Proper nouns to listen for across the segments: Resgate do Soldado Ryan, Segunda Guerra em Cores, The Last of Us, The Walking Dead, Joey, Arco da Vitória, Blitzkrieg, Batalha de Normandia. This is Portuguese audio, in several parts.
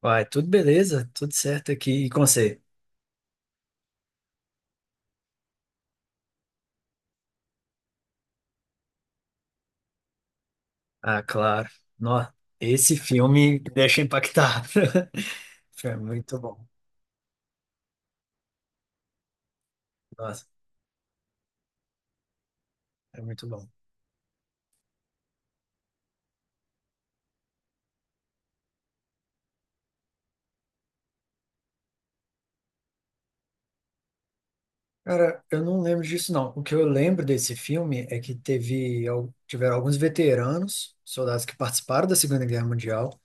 Vai, tudo beleza, tudo certo aqui e com você? Ah, claro. Nossa, esse filme me deixa impactado. Foi muito bom. Nossa, é muito bom. Cara, eu não lembro disso, não. O que eu lembro desse filme é que tiveram alguns veteranos, soldados que participaram da Segunda Guerra Mundial.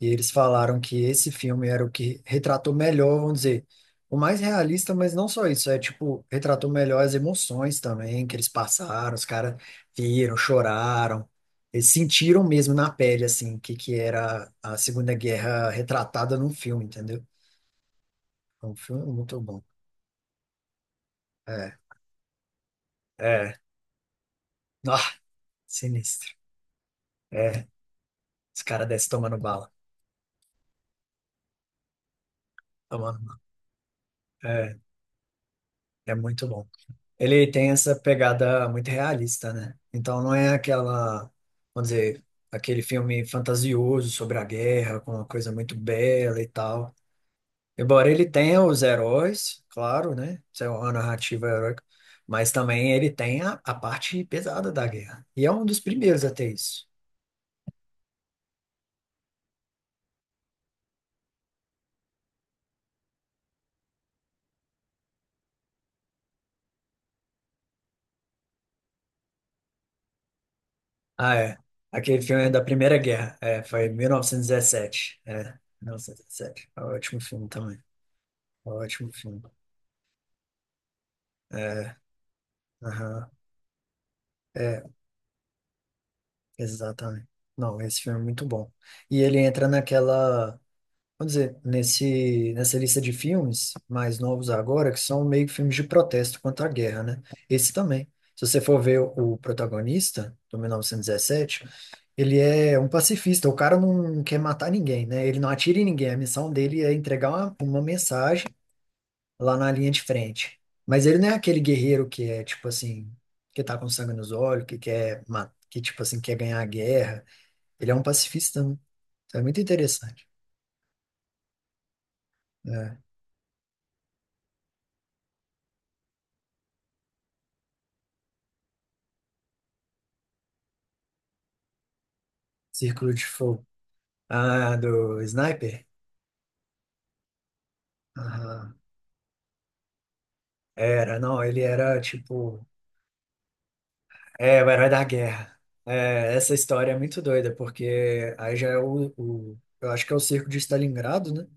E eles falaram que esse filme era o que retratou melhor, vamos dizer, o mais realista, mas não só isso, é tipo, retratou melhor as emoções também que eles passaram, os caras viram, choraram, eles sentiram mesmo na pele, assim, que era a Segunda Guerra retratada num filme, entendeu? É um filme muito bom. É, é, ah, sinistro. É, os caras descem tomando bala, tomando bala. É, é muito bom. Ele tem essa pegada muito realista, né? Então não é aquela, vamos dizer, aquele filme fantasioso sobre a guerra, com uma coisa muito bela e tal. Embora ele tenha os heróis, claro, né? Isso é uma narrativa heróica, mas também ele tem a parte pesada da guerra. E é um dos primeiros a ter isso. Ah, é. Aquele filme é da Primeira Guerra. É, foi 1917. É, 1917. É um ótimo filme também. É um ótimo filme. É, aham. É, exatamente. Não, esse filme é muito bom. E ele entra naquela, vamos dizer, nessa lista de filmes mais novos agora, que são meio que filmes de protesto contra a guerra, né? Esse também. Se você for ver o protagonista, do 1917, ele é um pacifista. O cara não quer matar ninguém, né? Ele não atira em ninguém. A missão dele é entregar uma mensagem lá na linha de frente. Mas ele não é aquele guerreiro que é, tipo assim, que tá com sangue nos olhos, que, tipo assim, quer ganhar a guerra. Ele é um pacifista, né? Então é muito interessante. É. Círculo de Fogo. Ah, do Sniper? Aham. Era, não, ele era tipo. É, o herói da guerra. É, essa história é muito doida, porque aí já é o. Eu acho que é o cerco de Stalingrado, né?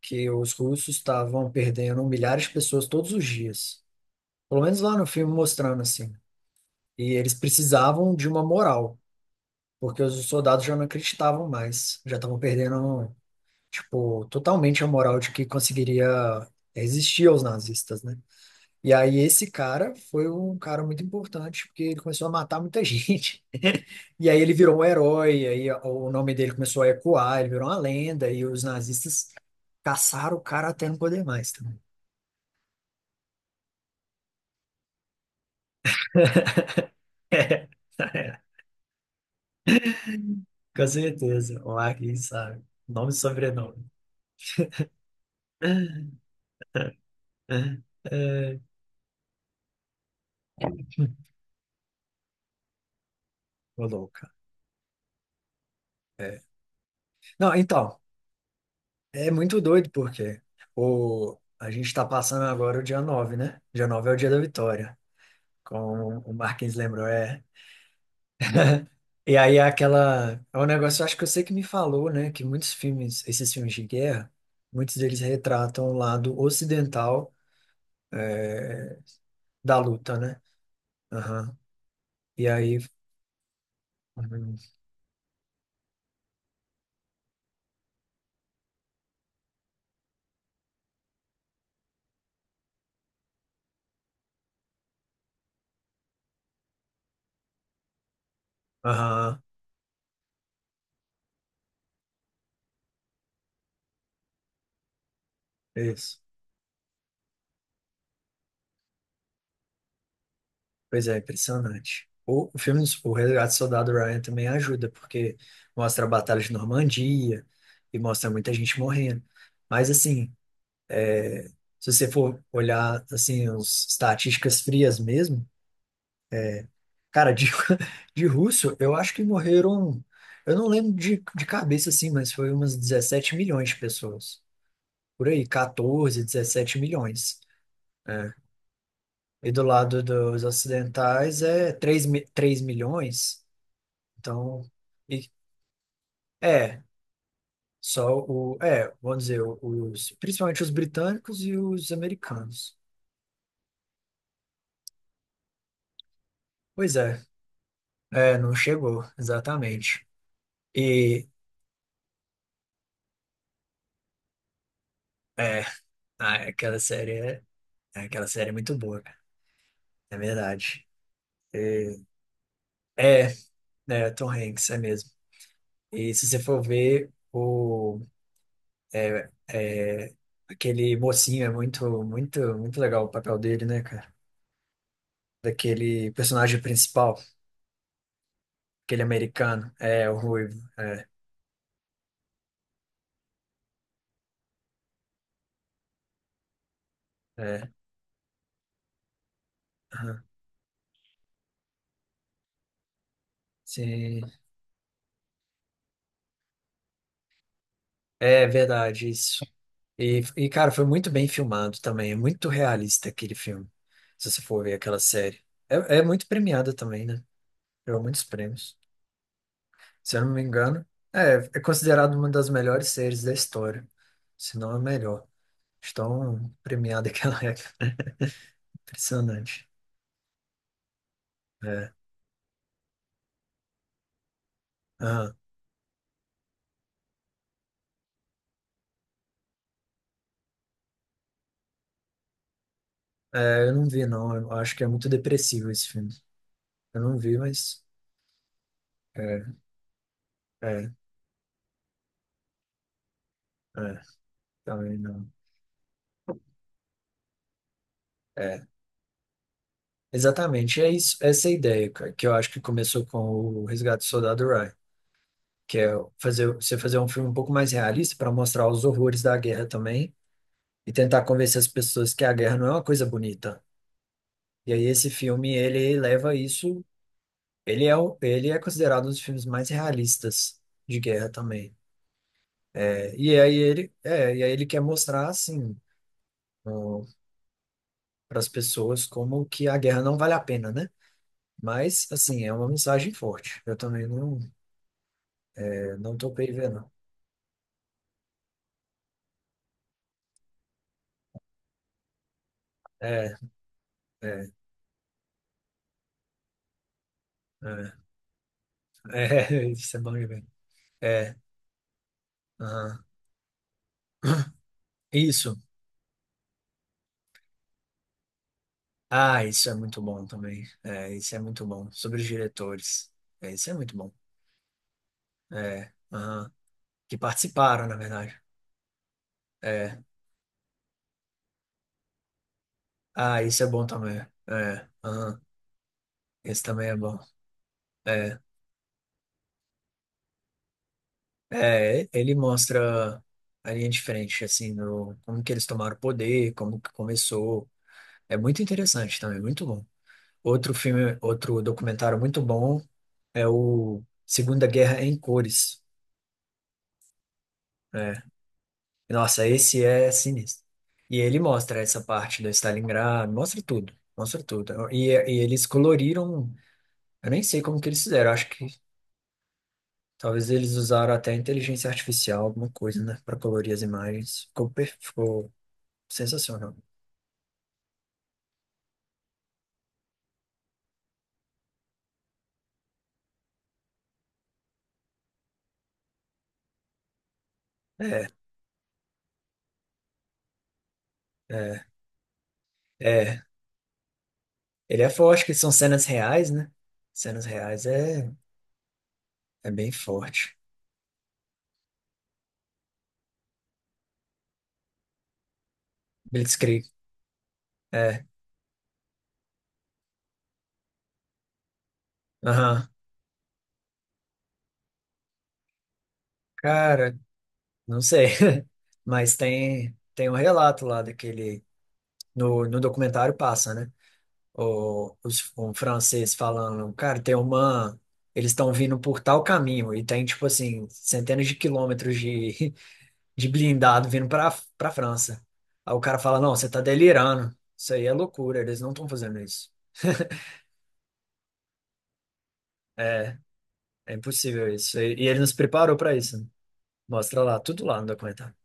Que os russos estavam perdendo milhares de pessoas todos os dias. Pelo menos lá no filme mostrando assim. E eles precisavam de uma moral, porque os soldados já não acreditavam mais, já estavam perdendo. Tipo, totalmente a moral de que conseguiria resistir aos nazistas, né? E aí esse cara foi um cara muito importante, porque ele começou a matar muita gente. E aí ele virou um herói, aí o nome dele começou a ecoar, ele virou uma lenda, e os nazistas caçaram o cara até não poder mais também. Com certeza, o Arkin sabe. Nome e sobrenome. É, ô louca. É. Não, então, é muito doido, porque a gente está passando agora o dia 9, né? Dia 9 é o dia da vitória, como o Marquinhos lembrou, é. E aí é aquela. É um negócio, acho que você que me falou, né? Que muitos filmes, esses filmes de guerra, muitos deles retratam o lado ocidental, é, da luta, né? Aham. E aí. Uhum, aham, isso. Pois é, impressionante. O filme, o Resgate do Soldado Ryan também ajuda, porque mostra a Batalha de Normandia e mostra muita gente morrendo. Mas, assim, é, se você for olhar, assim, as estatísticas frias mesmo, cara, de, de russo, eu acho que morreram, eu não lembro de cabeça, assim, mas foi umas 17 milhões de pessoas. Por aí, 14 17 milhões, né? E do lado dos ocidentais é 3, 3 milhões. Então, e- é, vamos dizer, principalmente os britânicos e os americanos. Pois é, não chegou, exatamente. E, é, ah, é, aquela série é muito boa, cara, é verdade. E- é, é, Tom Hanks, é mesmo. E se você for ver, é, é, aquele mocinho é muito, muito, muito legal o papel dele, né, cara? Daquele personagem principal. Aquele americano. É, o Ruivo. É, é. Aham. Sim. É verdade, isso. E, cara, foi muito bem filmado também. É muito realista aquele filme. Se você for ver aquela série. É, é muito premiada também, né? Ganhou muitos prêmios. Se eu não me engano, é considerado uma das melhores séries da história. Se não a melhor. Estão premiada que ela é. Impressionante. É. Aham. É, eu não vi, não. Eu acho que é muito depressivo esse filme. Eu não vi, mas. é, É, é, também não. É, exatamente. É isso, essa é a ideia, cara, que eu acho que começou com o Resgate do Soldado Ryan, que é fazer, você fazer um filme um pouco mais realista para mostrar os horrores da guerra também e tentar convencer as pessoas que a guerra não é uma coisa bonita. E aí esse filme, ele leva isso, ele é considerado um dos filmes mais realistas de guerra também. E aí ele quer mostrar assim, para as pessoas como que a guerra não vale a pena, né? Mas, assim, é uma mensagem forte. Eu também não, não topei ver, não. É, é, é, é, isso é bom de ver. É, aham. Isso. Ah, isso é muito bom também. É, isso é muito bom. Sobre os diretores. É, isso é muito bom. É, aham. Que participaram, na verdade. É. Ah, isso é bom também. É, aham. Esse também é bom. É, é, ele mostra a linha de frente, assim, no, como que eles tomaram o poder, como que começou. É muito interessante também, muito bom. Outro filme, outro documentário muito bom é o Segunda Guerra em Cores. É. Nossa, esse é sinistro. E ele mostra essa parte do Stalingrado, mostra tudo, mostra tudo. E eles coloriram, eu nem sei como que eles fizeram, acho que talvez eles usaram até inteligência artificial, alguma coisa, né, para colorir as imagens. Ficou sensacional. É, é, é. Ele é forte, que são cenas reais, né? Cenas reais é bem forte. Blitzkrieg. É. Aham. Cara, não sei. Mas tem um relato lá daquele. No documentário passa, né? Um francês falando, cara, tem uma. Eles estão vindo por tal caminho e tem, tipo assim, centenas de quilômetros de, de blindado vindo para França. Aí o cara fala: não, você tá delirando. Isso aí é loucura, eles não estão fazendo isso. É, é impossível isso. E ele nos preparou para isso, né? Mostra lá, tudo lá no documentário.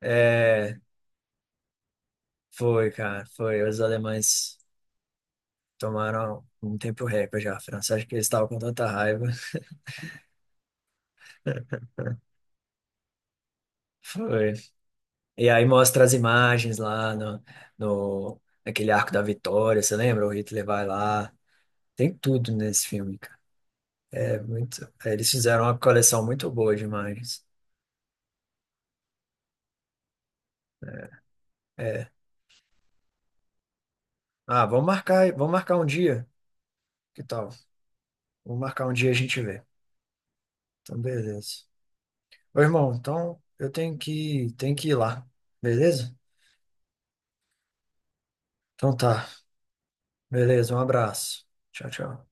É, foi, cara, foi. Os alemães tomaram um tempo recorde já. A França, acho que eles estavam com tanta raiva. Foi. E aí mostra as imagens lá no, no, naquele Arco da Vitória, você lembra? O Hitler vai lá. Tem tudo nesse filme, cara. É muito. Eles fizeram uma coleção muito boa de imagens. É. Ah, vamos marcar um dia. Que tal? Vamos marcar um dia e a gente vê. Então, beleza. Ô, irmão, então eu tenho que ir lá. Beleza? Então tá. Beleza, um abraço. Tchau, tchau.